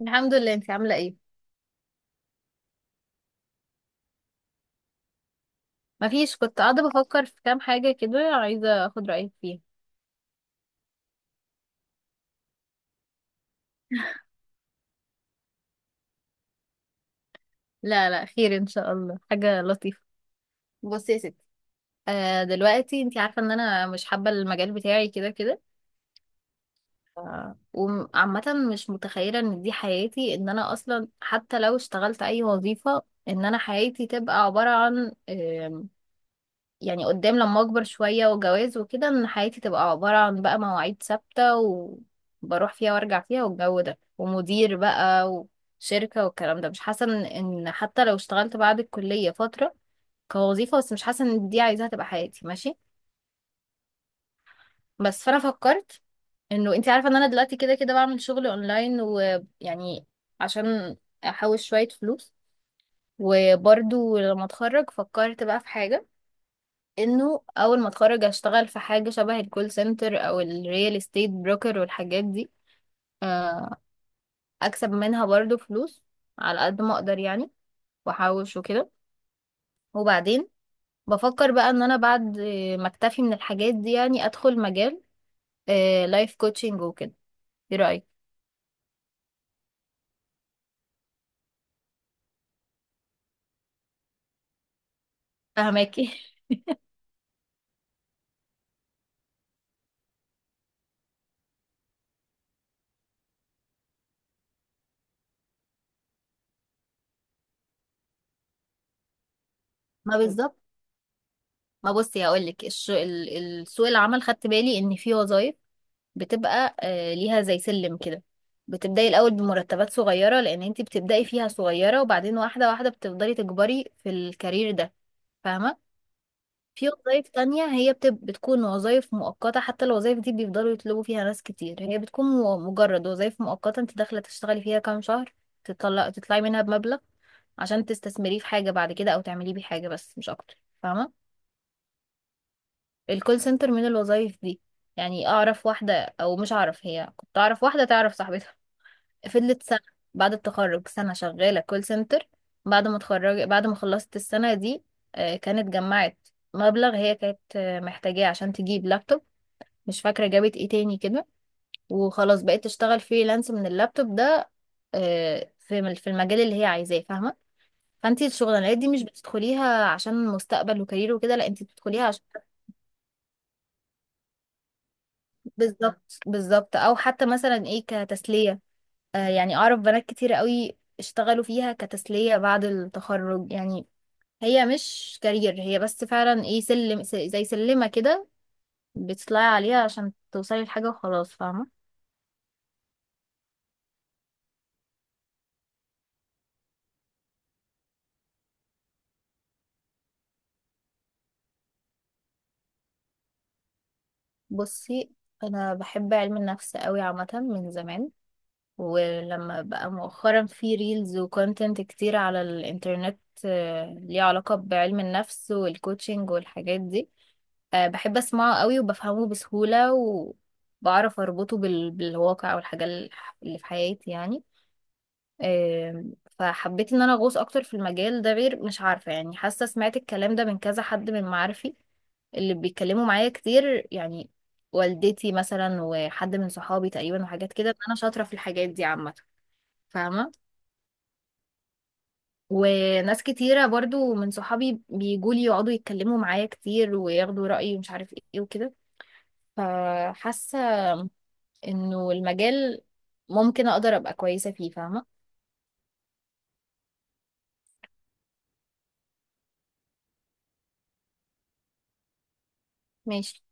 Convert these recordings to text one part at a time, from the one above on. الحمد لله، انت عاملة ايه؟ مفيش، كنت قاعدة بفكر في كام حاجة كده، عايزة اخد رأيك فيها. لا لا، خير ان شاء الله، حاجة لطيفة. بصي يا ستي، دلوقتي انت عارفة ان انا مش حابة المجال بتاعي كده كده. وعامة، مش متخيلة ان دي حياتي، ان انا اصلا حتى لو اشتغلت اي وظيفة، ان انا حياتي تبقى عبارة عن يعني قدام لما اكبر شوية وجواز وكده، ان حياتي تبقى عبارة عن بقى مواعيد ثابتة، وبروح فيها وارجع فيها والجو ده ومدير بقى وشركة والكلام ده. مش حاسة ان حتى لو اشتغلت بعد الكلية فترة كوظيفة، بس مش حاسة ان دي عايزاها تبقى حياتي. ماشي، بس فانا فكرت انه انت عارفة ان انا دلوقتي كده كده بعمل شغل اونلاين ويعني، عشان احوش شوية فلوس. وبرضو لما اتخرج فكرت بقى في حاجة، انه اول ما اتخرج اشتغل في حاجه شبه الكول سنتر او الريال استيت بروكر والحاجات دي، آه، اكسب منها برضو فلوس على قد ما اقدر يعني، واحوش وكده. وبعدين بفكر بقى ان انا بعد ما اكتفي من الحاجات دي، يعني ادخل مجال لايف كوتشنج وكده. ايه رايك؟ فهماكي. ما بالظبط. ما بصي هقول لك، السوق العمل خدت بالي ان في وظايف بتبقى ليها زي سلم كده، بتبدأي الأول بمرتبات صغيرة لأن انتي بتبدأي فيها صغيرة، وبعدين واحدة واحدة بتفضلي تكبري في الكارير ده. فاهمة. في وظائف تانية هي بتكون وظائف مؤقتة، حتى الوظائف دي بيفضلوا يطلبوا فيها ناس كتير، هي بتكون مجرد وظائف مؤقتة، انت داخلة تشتغلي فيها كام شهر تطلعي منها بمبلغ عشان تستثمريه في حاجة بعد كده، أو تعمليه بيه حاجة، بس مش أكتر. فاهمة. الكول سنتر من الوظائف دي. يعني أعرف واحدة، أو مش أعرف هي، كنت أعرف واحدة تعرف صاحبتها، فضلت سنة بعد التخرج سنة شغالة كول سنتر. بعد ما اتخرج بعد ما خلصت السنة دي، كانت جمعت مبلغ، هي كانت محتاجاه عشان تجيب لابتوب. مش فاكرة جابت ايه تاني كده. وخلاص بقيت تشتغل فريلانس من اللابتوب ده، في المجال اللي هي عايزاه. فاهمة. فانتي الشغلانات دي مش بتدخليها عشان مستقبل وكارير وكده، لا انتي بتدخليها عشان… بالظبط بالظبط، او حتى مثلا ايه كتسلية. يعني أعرف بنات كتير قوي اشتغلوا فيها كتسلية بعد التخرج يعني، هي مش كارير، هي بس فعلا ايه سلم زي سلمة كده، بتطلعي عليها عشان توصلي لحاجة وخلاص. فاهمة. بصي، أنا بحب علم النفس قوي عامة من زمان. ولما بقى مؤخرا في ريلز وكونتنت كتير على الإنترنت ليه علاقة بعلم النفس والكوتشنج والحاجات دي، بحب اسمعه قوي وبفهمه بسهولة، وبعرف اربطه بالواقع والحاجة اللي في حياتي يعني. آم، فحبيت ان انا اغوص اكتر في المجال ده. غير مش عارفة يعني، حاسة سمعت الكلام ده من كذا حد من معارفي اللي بيتكلموا معايا كتير، يعني والدتي مثلا وحد من صحابي تقريبا، وحاجات كده، ان انا شاطرة في الحاجات دي عامة. فاهمة. وناس كتيرة برضو من صحابي بيجولي، يقعدوا يتكلموا معايا كتير وياخدوا رأيي ومش عارف ايه وكده. فحاسة انه المجال ممكن اقدر ابقى كويسه فيه. فاهمه. ماشي،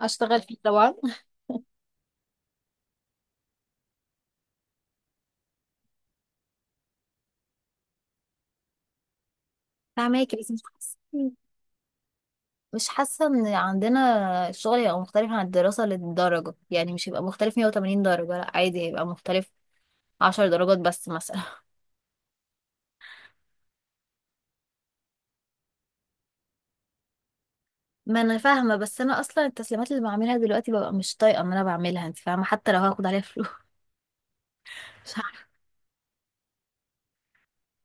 اشتغل فيه طبعا. فاهماكي، بس مش حاسه ان عندنا الشغل يبقى مختلف عن الدراسه للدرجه، يعني مش هيبقى مختلف 180 درجه، لا عادي هيبقى مختلف 10 درجات بس مثلا. ما انا فاهمه، بس انا اصلا التسليمات اللي بعملها دلوقتي ببقى مش طايقه ان انا بعملها، انت فاهمه، حتى لو هاخد عليها فلوس. مش عارفة.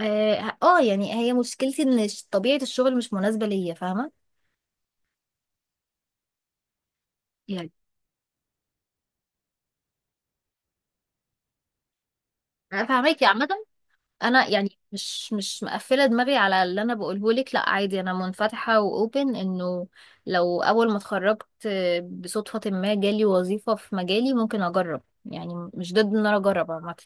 اه، يعني هي مشكلتي ان طبيعه الشغل مش مناسبه ليا، فاهمه. يعني انا فاهماكي عامه، انا يعني مش مقفله دماغي على اللي انا بقوله لك، لا عادي، انا منفتحه واوبن انه لو اول ما اتخرجت بصدفه ما جالي وظيفه في مجالي ممكن اجرب، يعني مش ضد ان انا اجرب عامه.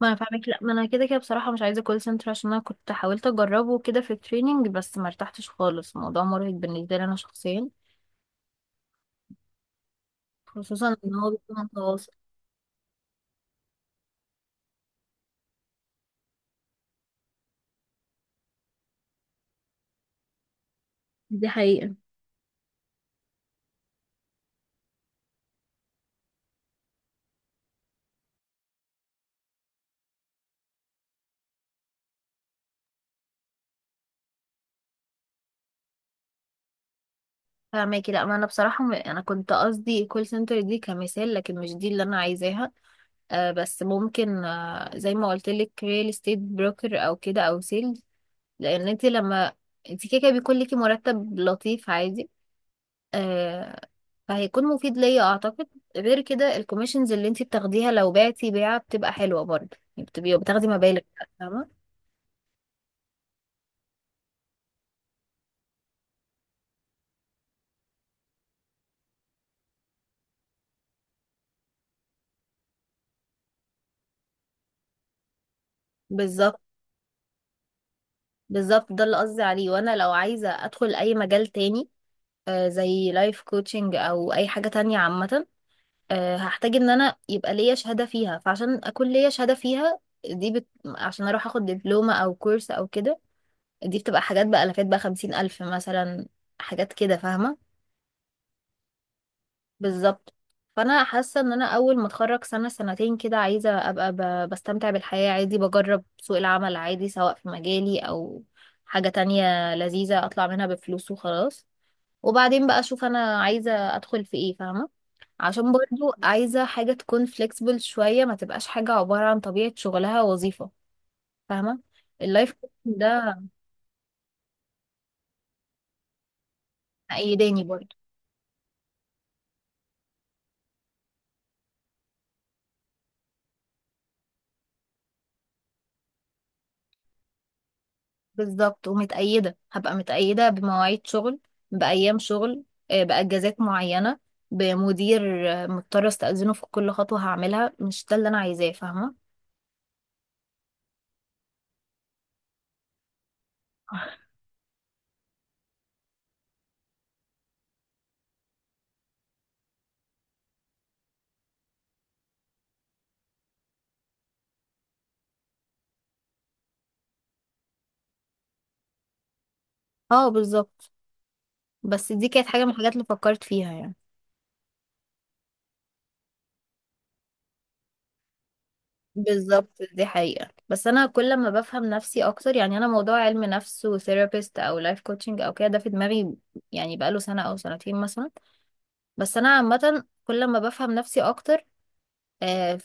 ما انا فاهمك، لا ما انا كده كده بصراحه مش عايزه كول سنتر، عشان انا كنت حاولت اجربه كده في التريننج بس ما ارتحتش خالص، الموضوع مرهق بالنسبه لي انا شخصيا، خصوصا ان هو بيكون تواصل. دي حقيقة. فاهماكي، لا ما انا بصراحه انا كنت قصدي كول سنتر دي كمثال، لكن مش دي اللي انا عايزاها. بس ممكن، زي ما قلت لك، ريل استيت بروكر او كده او سيلز. لان انت لما… انت كده كده بيكون ليكي مرتب لطيف عادي، آه، فهيكون مفيد ليا اعتقد. غير كده الكوميشنز اللي انت بتاخديها لو بعتي بيعه بتبقى حلوه برضه، يعني بتبقي بتاخدي مبالغ. فاهمه. بالظبط بالظبط، ده اللي قصدي عليه. وانا لو عايزه ادخل اي مجال تاني، زي لايف كوتشنج او اي حاجه تانية عامه، هحتاج ان انا يبقى ليا شهادة فيها. فعشان اكون ليا شهادة فيها عشان اروح اخد دبلومة او كورس او كده، دي بتبقى حاجات بألافات، بقى خمسين الف مثلا، حاجات كده. فاهمة. بالظبط. فانا حاسة ان انا اول ما اتخرج سنة سنتين كده، عايزة ابقى بستمتع بالحياة عادي، بجرب سوق العمل عادي سواء في مجالي او حاجة تانية لذيذة، اطلع منها بفلوس وخلاص، وبعدين بقى اشوف انا عايزة ادخل في ايه. فاهمة. عشان برضو عايزة حاجة تكون flexible شوية، ما تبقاش حاجة عبارة عن طبيعة شغلها وظيفة. فاهمة. اللايف كوتش ده مأيداني برضو. بالظبط، ومتأيدة هبقى متأيدة بمواعيد شغل، بأيام شغل، بأجازات معينة، بمدير مضطرة استأذنه في كل خطوة هعملها. مش ده اللي أنا عايزاه. فاهمة. اه بالظبط، بس دي كانت حاجة من الحاجات اللي فكرت فيها يعني. بالظبط دي حقيقة، بس أنا كل ما بفهم نفسي أكتر يعني، أنا موضوع علم نفس وثيرابيست أو لايف كوتشنج أو كده ده في دماغي يعني بقاله سنة أو سنتين مثلا، بس أنا عامة كل ما بفهم نفسي أكتر آه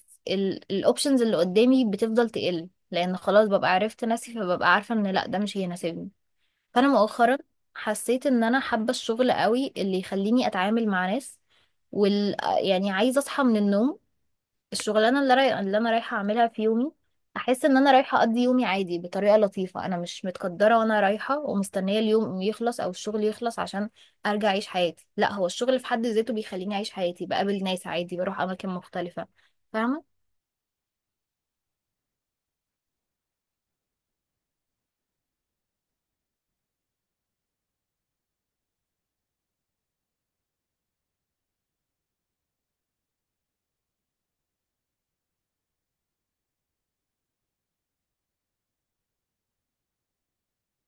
الأوبشنز اللي قدامي بتفضل تقل، لأن خلاص ببقى عرفت نفسي، فببقى عارفة إن لأ ده مش هيناسبني. فأنا مؤخرا حسيت إن أنا حابة الشغل قوي اللي يخليني أتعامل مع ناس، يعني عايزة أصحى من النوم، الشغلانه اللي انا رايحه اعملها في يومي، احس ان انا رايحه اقضي يومي عادي بطريقه لطيفه، انا مش متقدره وانا رايحه ومستنيه اليوم يخلص او الشغل يخلص عشان ارجع اعيش حياتي. لا هو الشغل في حد ذاته بيخليني اعيش حياتي، بقابل ناس عادي، بروح اماكن مختلفه. فاهمه.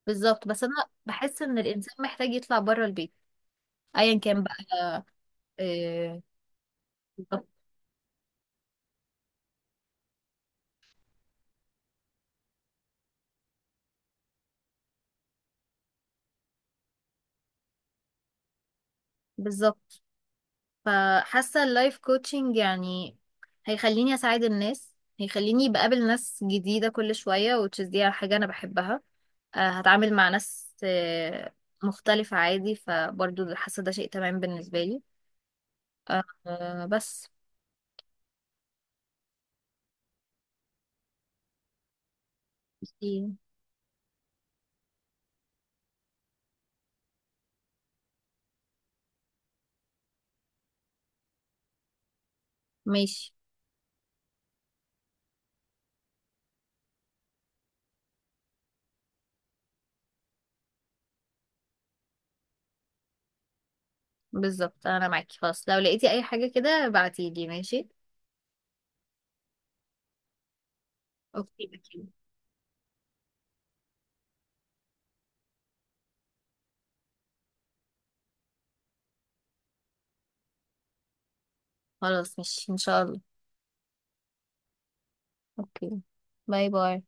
بالظبط، بس انا بحس ان الانسان محتاج يطلع بره البيت، ايا كان بقى. آه، بالظبط. فحاسة اللايف كوتشنج يعني هيخليني أساعد الناس، هيخليني بقابل ناس جديدة كل شوية، which is دي حاجة أنا بحبها. هتعامل مع ناس مختلفة عادي، فبرضو حاسة ده شيء تمام بالنسبة لي. بس دي- ماشي. بالظبط أنا معاكي، خلاص لو لقيتي أي حاجة كده بعتيلي. ماشي، أوكي أكيد. خلاص ماشي إن شاء الله. أوكي. باي باي.